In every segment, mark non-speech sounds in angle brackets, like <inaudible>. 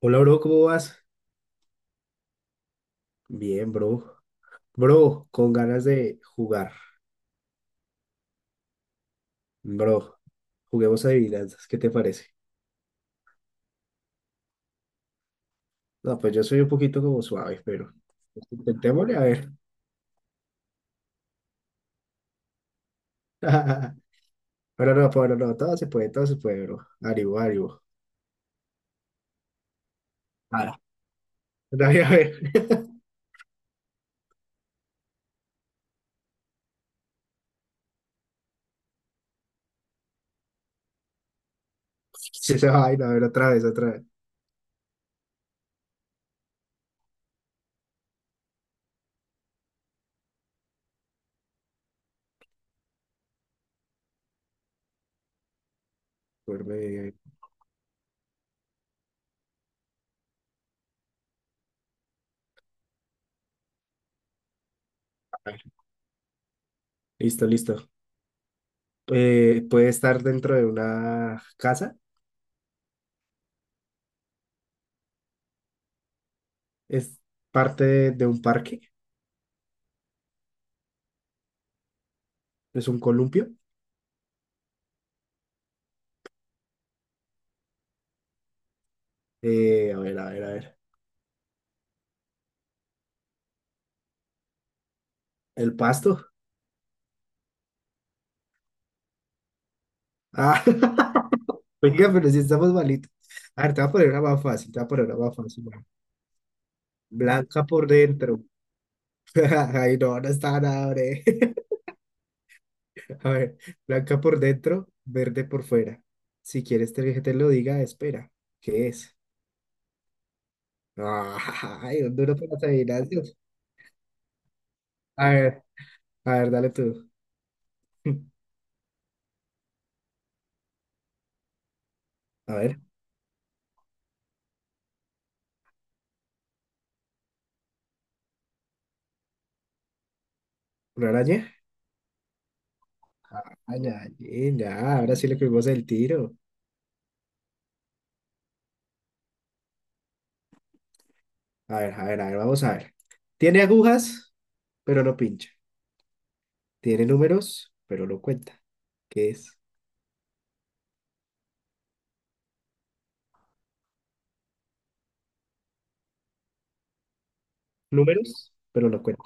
Hola, bro, ¿cómo vas? Bien, bro. Bro, con ganas de jugar. Bro, juguemos adivinanzas, ¿qué te parece? No, pues yo soy un poquito como suave, pero pues intentémosle a ver. <laughs> Pero no, todo se puede, bro. Ánimo, ánimo. Ah, <laughs> no, a ver. <laughs> Sí, esa vaina, a ver, otra vez, otra vez. Por medio. A ver, listo, listo. ¿Puede estar dentro de una casa? ¿Es parte de un parque? ¿Es un columpio? A ver, a ver, a ver. ¿El pasto? Ah, <laughs> oiga, pero si estamos malitos. A ver, te voy a poner una más fácil, te voy a poner una más fácil. Va. Blanca por dentro. <laughs> Ay, no, no está nada, bre. <laughs> A ver, blanca por dentro, verde por fuera. Si quieres que te lo diga, espera. ¿Qué es? <laughs> Ay, un duro para las adivinanzas. A ver, a ver, dale tú. <laughs> A ver, ¿una araña? Araña, ya, ahora sí le cogimos el tiro. A ver, a ver, a ver, vamos a ver. Tiene agujas, pero no pincha. Tiene números, pero no cuenta. ¿Qué es? Números, pero no cuenta.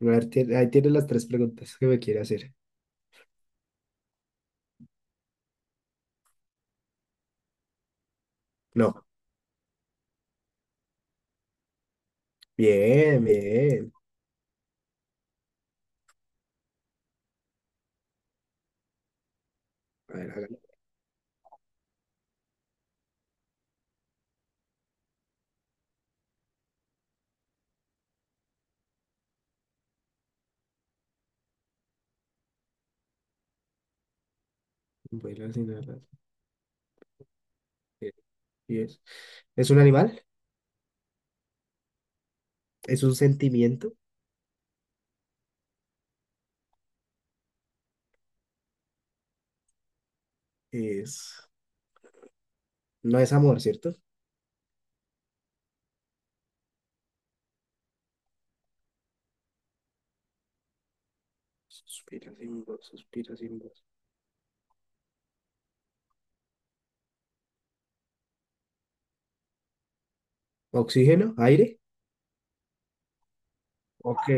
A ver, ahí tiene las tres preguntas que me quiere hacer. No. Bien, bien. A ver, hágalo. Vuela sin alas. Bien, bien. ¿Es un animal? ¿Es un sentimiento? Es... No es amor, ¿cierto? Suspira sin voz, suspira sin voz. ¿Oxígeno? ¿Aire? Ok.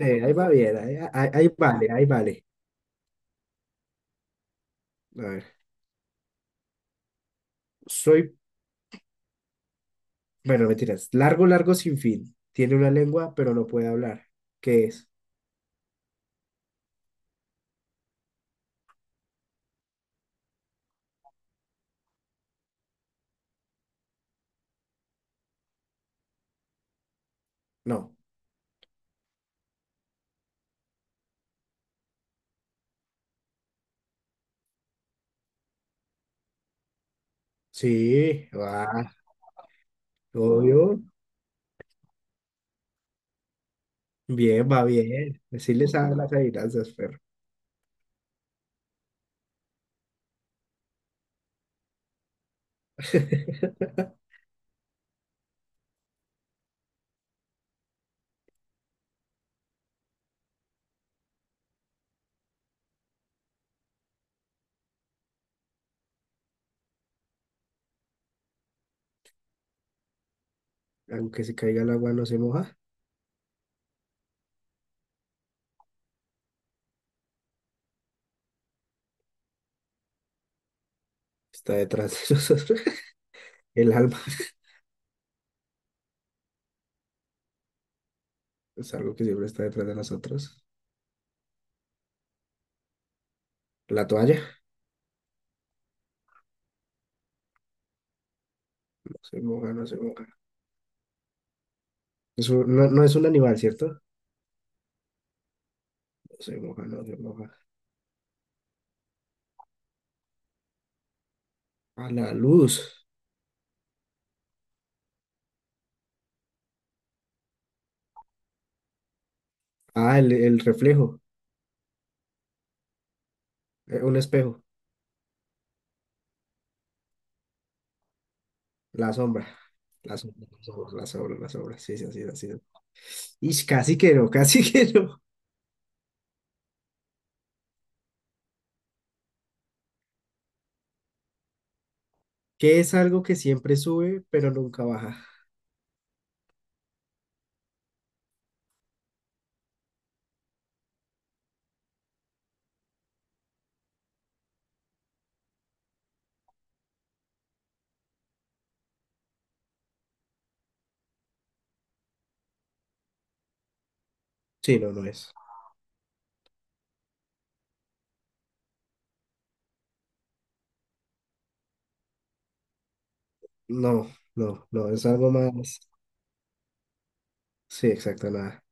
Sí, ahí va bien, ahí vale, ahí vale. A ver, soy, bueno, mentiras, largo, largo, sin fin. Tiene una lengua, pero no puede hablar. ¿Qué es? No. Sí, va, obvio. Bien, va bien. Sí le sabe las adivinanzas, perro. Aunque se caiga el agua no se moja. Está detrás de nosotros. <laughs> El alma es algo que siempre está detrás de nosotros. La toalla. No se moja, no se moja. Eso no, no es un animal, ¿cierto? No se moja, no se moja. A la luz. Ah, el reflejo. Un espejo. La sombra. La sombra, la sombra, la sombra, la sombra. Sí, sí, así, así. Y casi que no, <laughs> casi que no. Que es algo que siempre sube, pero nunca baja. Sí, no, no es. No, no, no, es algo más. Sí, exacto, nada.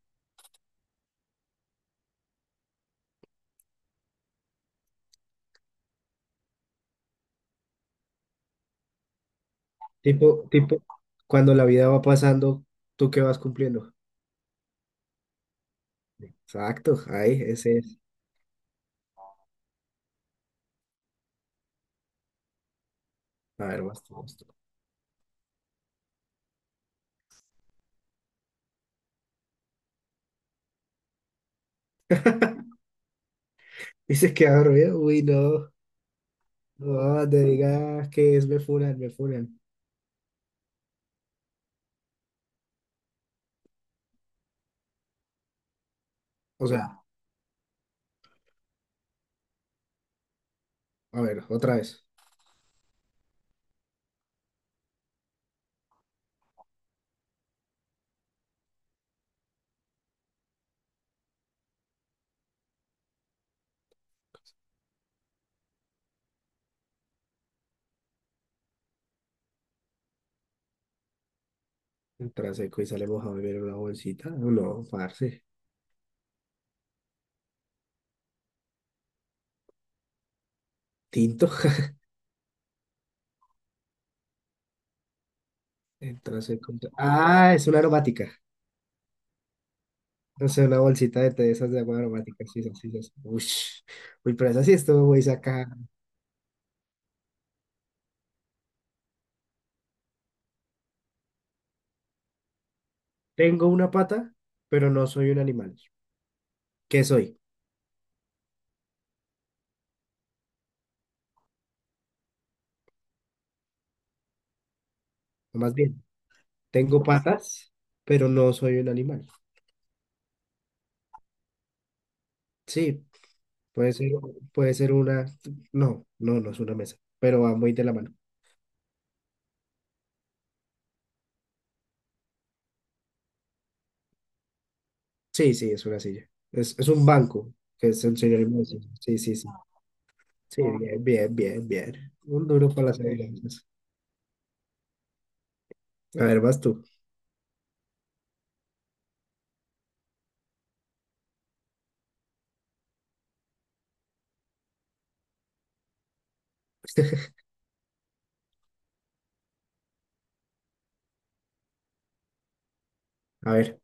Tipo, cuando la vida va pasando, ¿tú qué vas cumpliendo? Exacto, ahí, ese es. A ver, vas tú, vas tú. Y se queda dormido. Uy, no. No, te digas que es me funan, me funan. O sea, a ver, otra vez. Entra seco y sale mojado y viene una bolsita. No, parce. Tinto. <laughs> Entra seco ah, es una aromática. No sé, una bolsita de té de esas de agua aromática, sí, sí, sí, sí. Uy, uy, pero esa sí estuvo muy sacada. Tengo una pata, pero no soy un animal. ¿Qué soy? O más bien, tengo patas, pero no soy un animal. Sí, puede ser, puede ser una. No, no, no es una mesa, pero va muy de la mano. Sí, sí, es una silla. Es un banco, que es el sinónimo de silla. Sí, sí, sí. Sí, bien, bien, bien, bien. Un duro para las adivinanzas. A ver, vas tú. <laughs> A ver.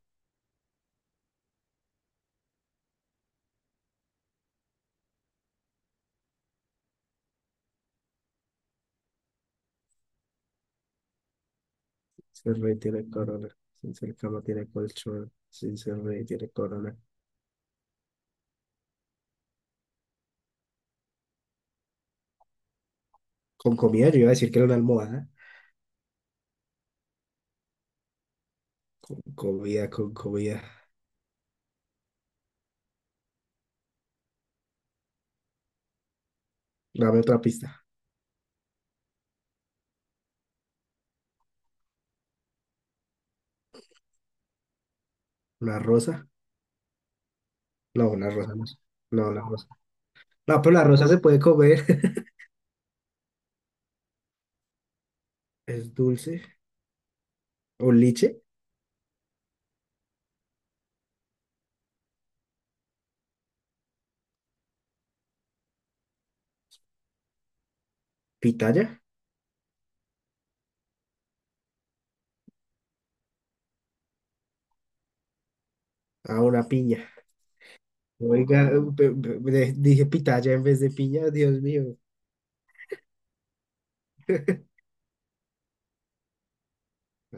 Si el rey tiene corona, sin ser cama tiene colchón, sin ser rey tiene corona. Con comida, yo iba a decir que era una almohada. Comida, con comida. Dame otra pista. ¿Una rosa? No, una rosa no No, la rosa. No, pero la rosa se puede comer. <laughs> Es dulce. ¿Un liche? ¿Pitaya? Ah, una piña. Oiga, dije pitaya en vez de piña, Dios mío. <laughs>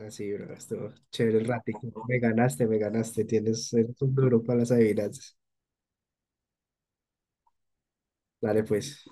Así, bro, estuvo chévere el ratico. Me ganaste, me ganaste. Eres un duro para las adivinanzas. Dale, pues.